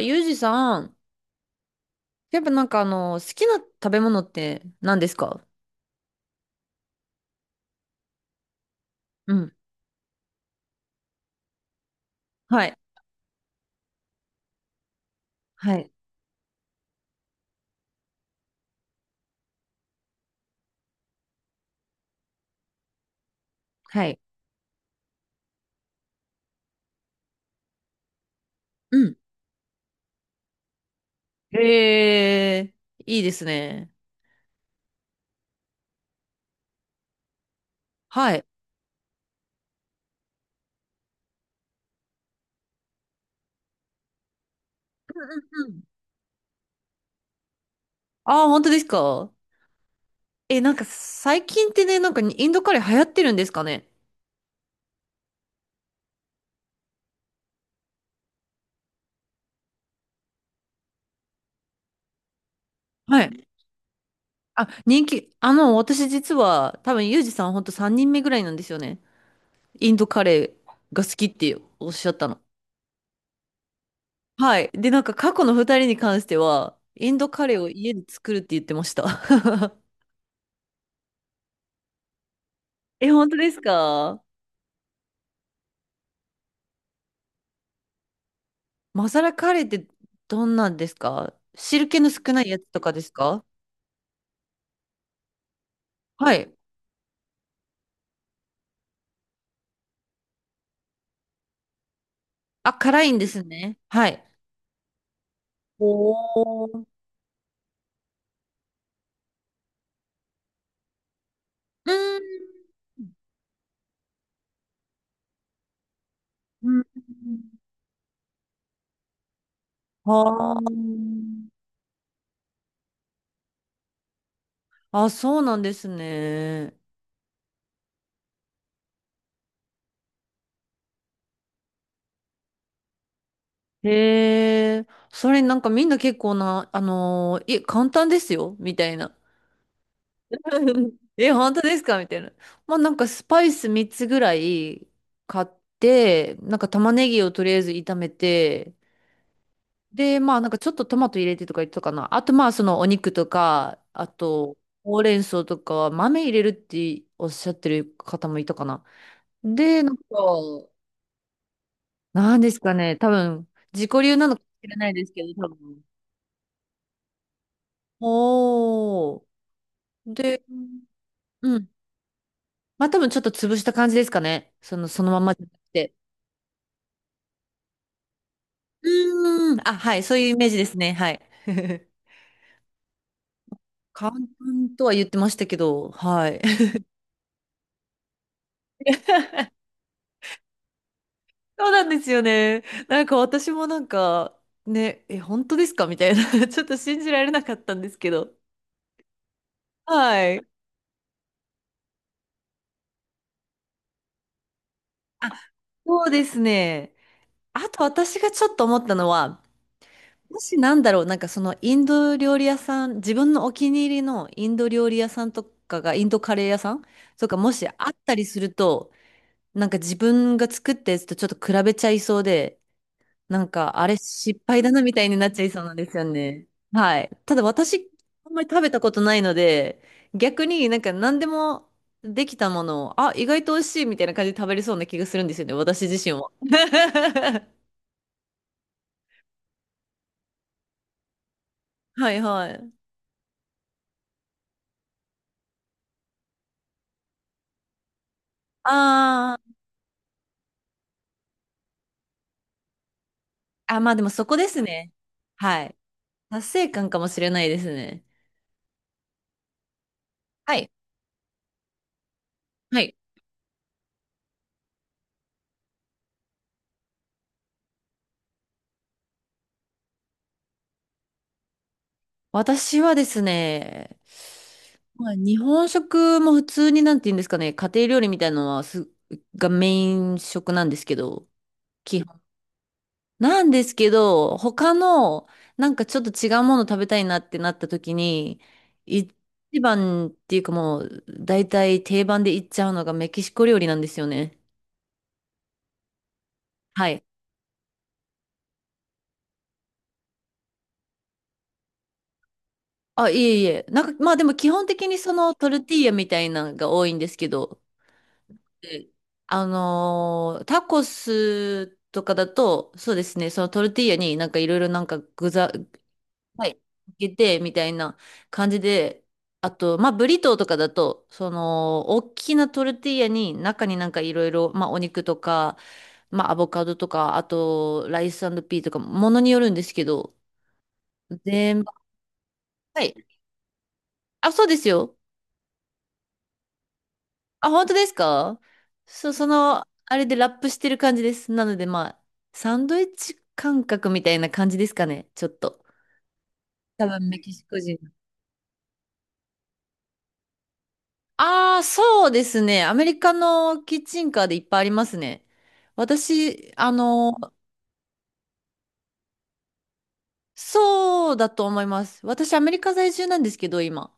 あ、ユージさん。やっぱなんか好きな食べ物って何ですか？うん。はい。はい。はい。うん。へえ、いいですね。はい。うんうんうん。ああ、本当ですか？え、なんか最近ってね、なんかインドカレー流行ってるんですかね？はい。あ、人気、私実は多分ユージさんほんと3人目ぐらいなんですよね。インドカレーが好きっておっしゃったの。はい。で、なんか過去の2人に関しては、インドカレーを家で作るって言ってました。え、本当ですか？マサラカレーってどんなんですか？汁気の少ないやつとかですか？はい。あ、辛いんですね。はい。おー。うん。はあー。あ、そうなんですね。へえ。それなんかみんな結構な、いえ、簡単ですよ、みたいな。え、本当ですかみたいな。まあなんかスパイス3つぐらい買って、なんか玉ねぎをとりあえず炒めて、で、まあなんかちょっとトマト入れてとか言ってたかな。あとまあそのお肉とか、あとほうれん草とか豆入れるっておっしゃってる方もいたかな。で、なんか、なんですかね、多分自己流なのかもしれないですけど、多分。おー。で、うん。まあ多分ちょっと潰した感じですかね。その、そのままじゃなくて。うーん。あ、はい。そういうイメージですね。はい。簡単とは言ってましたけど、はい。そうなんですよね。なんか私もなんか、ね、え、本当ですかみたいな ちょっと信じられなかったんですけど。はい。そうですね。あと私がちょっと思ったのは、もしなんだろう、なんかそのインド料理屋さん、自分のお気に入りのインド料理屋さんとかが、インドカレー屋さんとかもしあったりすると、なんか自分が作ったやつとちょっと比べちゃいそうで、なんか、あれ失敗だなみたいになっちゃいそうなんですよね。はい。ただ私、あんまり食べたことないので、逆になんか何でもできたものを、あ、意外と美味しいみたいな感じで食べれそうな気がするんですよね、私自身は。はいはい。あー、あ、まあでもそこですね。はい。達成感かもしれないですね。はい。はい。私はですね、まあ、日本食も普通になんて言うんですかね、家庭料理みたいなのはす、がメイン食なんですけど、基本。なんですけど、他のなんかちょっと違うもの食べたいなってなった時に、一番っていうかもう大体定番でいっちゃうのがメキシコ料理なんですよね。はい。あ、いえいえ。なんかまあでも基本的にそのトルティーヤみたいなのが多いんですけど、でタコスとかだと、そうですね、そのトルティーヤになんかいろいろなんか具材、はい、かけてみたいな感じで、あと、まあ、ブリトーとかだと、その、大きなトルティーヤに中になんかいろいろ、まあ、お肉とか、まあ、アボカドとか、あと、ライスピーとか、ものによるんですけど、全部、はい。あ、そうですよ。あ、本当ですか？そ、その、あれでラップしてる感じです。なので、まあ、サンドイッチ感覚みたいな感じですかね、ちょっと。多分メキシコ人。ああ、そうですね。アメリカのキッチンカーでいっぱいありますね。私、そうだと思います。私、アメリカ在住なんですけど、今。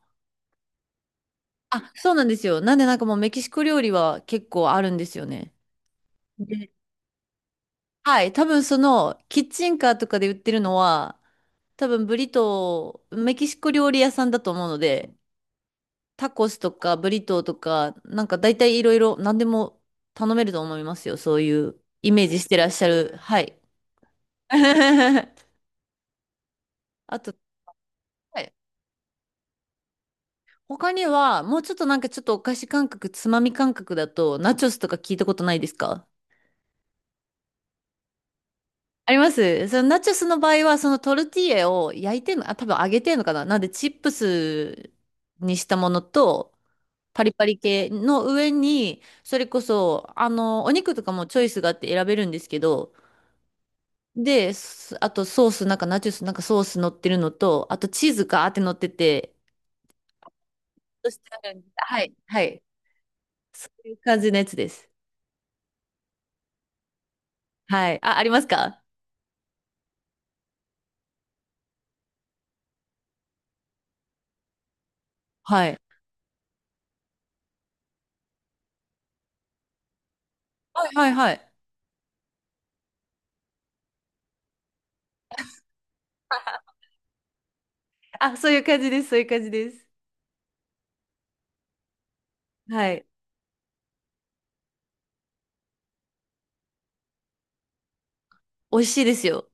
あ、そうなんですよ。なんで、なんかもうメキシコ料理は結構あるんですよね。で、はい、多分その、キッチンカーとかで売ってるのは、多分ブリトー、メキシコ料理屋さんだと思うので、タコスとかブリトーとか、なんか大体いろいろ何でも頼めると思いますよ。そういうイメージしてらっしゃる。はい。あと、はい。他には、もうちょっとなんかちょっとお菓子感覚、つまみ感覚だと、ナチョスとか聞いたことないですか？あります。そのナチョスの場合は、そのトルティーヤを焼いてんの、あ、多分揚げてんのかな、なんでチップスにしたものと、パリパリ系の上に、それこそ、お肉とかもチョイスがあって選べるんですけど、で、すあとソース、なんかナチュス、なんかソース乗ってるのと、あとチーズがーって乗ってて、そしてあるんはい、はい。そういう感じのやつです。はい。あ、ありますか？はい。はい、はい、はい。あ、そういう感じです、そういう感じです。はい。美味しいですよ。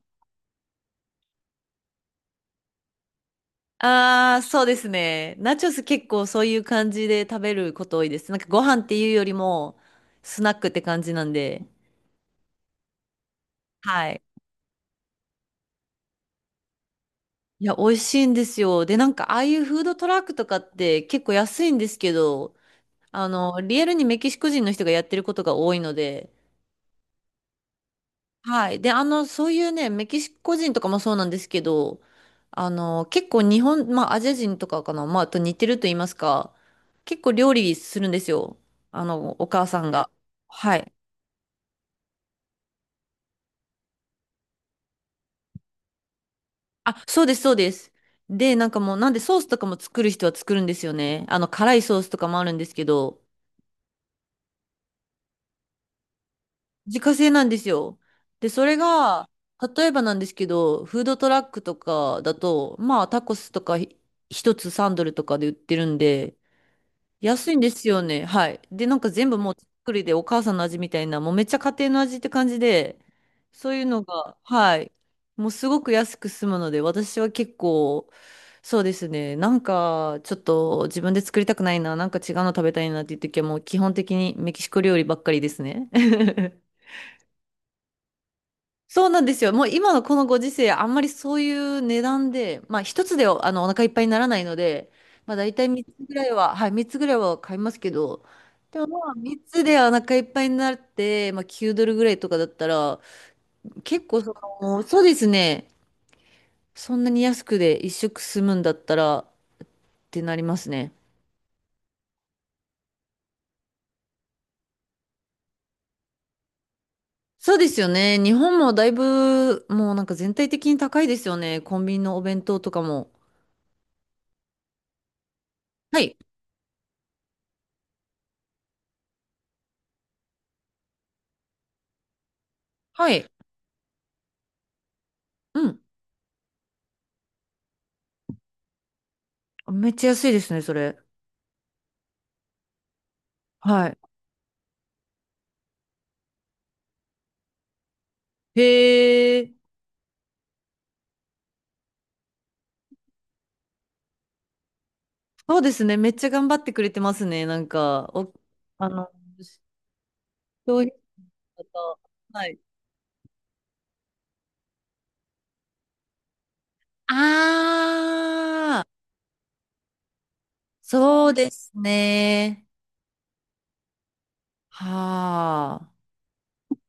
ああ、そうですね。ナチョス結構そういう感じで食べること多いです。なんかご飯っていうよりも、スナックって感じなんで。はい。いや、美味しいんですよ。で、なんか、ああいうフードトラックとかって結構安いんですけど、リアルにメキシコ人の人がやってることが多いので、はい。で、そういうね、メキシコ人とかもそうなんですけど、結構日本、まあ、アジア人とかかな、まあ、と似てると言いますか、結構料理するんですよ。お母さんが。はい。あ、そうです、そうです。で、なんかもう、なんでソースとかも作る人は作るんですよね。辛いソースとかもあるんですけど、自家製なんですよ。で、それが、例えばなんですけど、フードトラックとかだと、まあ、タコスとかひ一つ3ドルとかで売ってるんで、安いんですよね。はい。で、なんか全部もう手作りでお母さんの味みたいな、もうめっちゃ家庭の味って感じで、そういうのが、はい。もうすごく安く済むので、私は結構、そうですね。なんか、ちょっと自分で作りたくないな、なんか違うの食べたいなっていう時はもう基本的にメキシコ料理ばっかりですね。そうなんですよ。もう今のこのご時世、あんまりそういう値段で、まあ一つであのお腹いっぱいにならないので、まあ大体3つぐらいは、はい、3つぐらいは買いますけど、でもまあ3つでお腹いっぱいになって、まあ9ドルぐらいとかだったら、結構その、そうですね。そんなに安くで一食済むんだったらってなりますね。そうですよね。日本もだいぶもうなんか全体的に高いですよね。コンビニのお弁当とかも。はい。はい。うん。めっちゃ安いですね、それ。はい。へえ、そうですね。めっちゃ頑張ってくれてますね。なんか、お、あの、消費者と、はい。ああ、そうですね。はあ。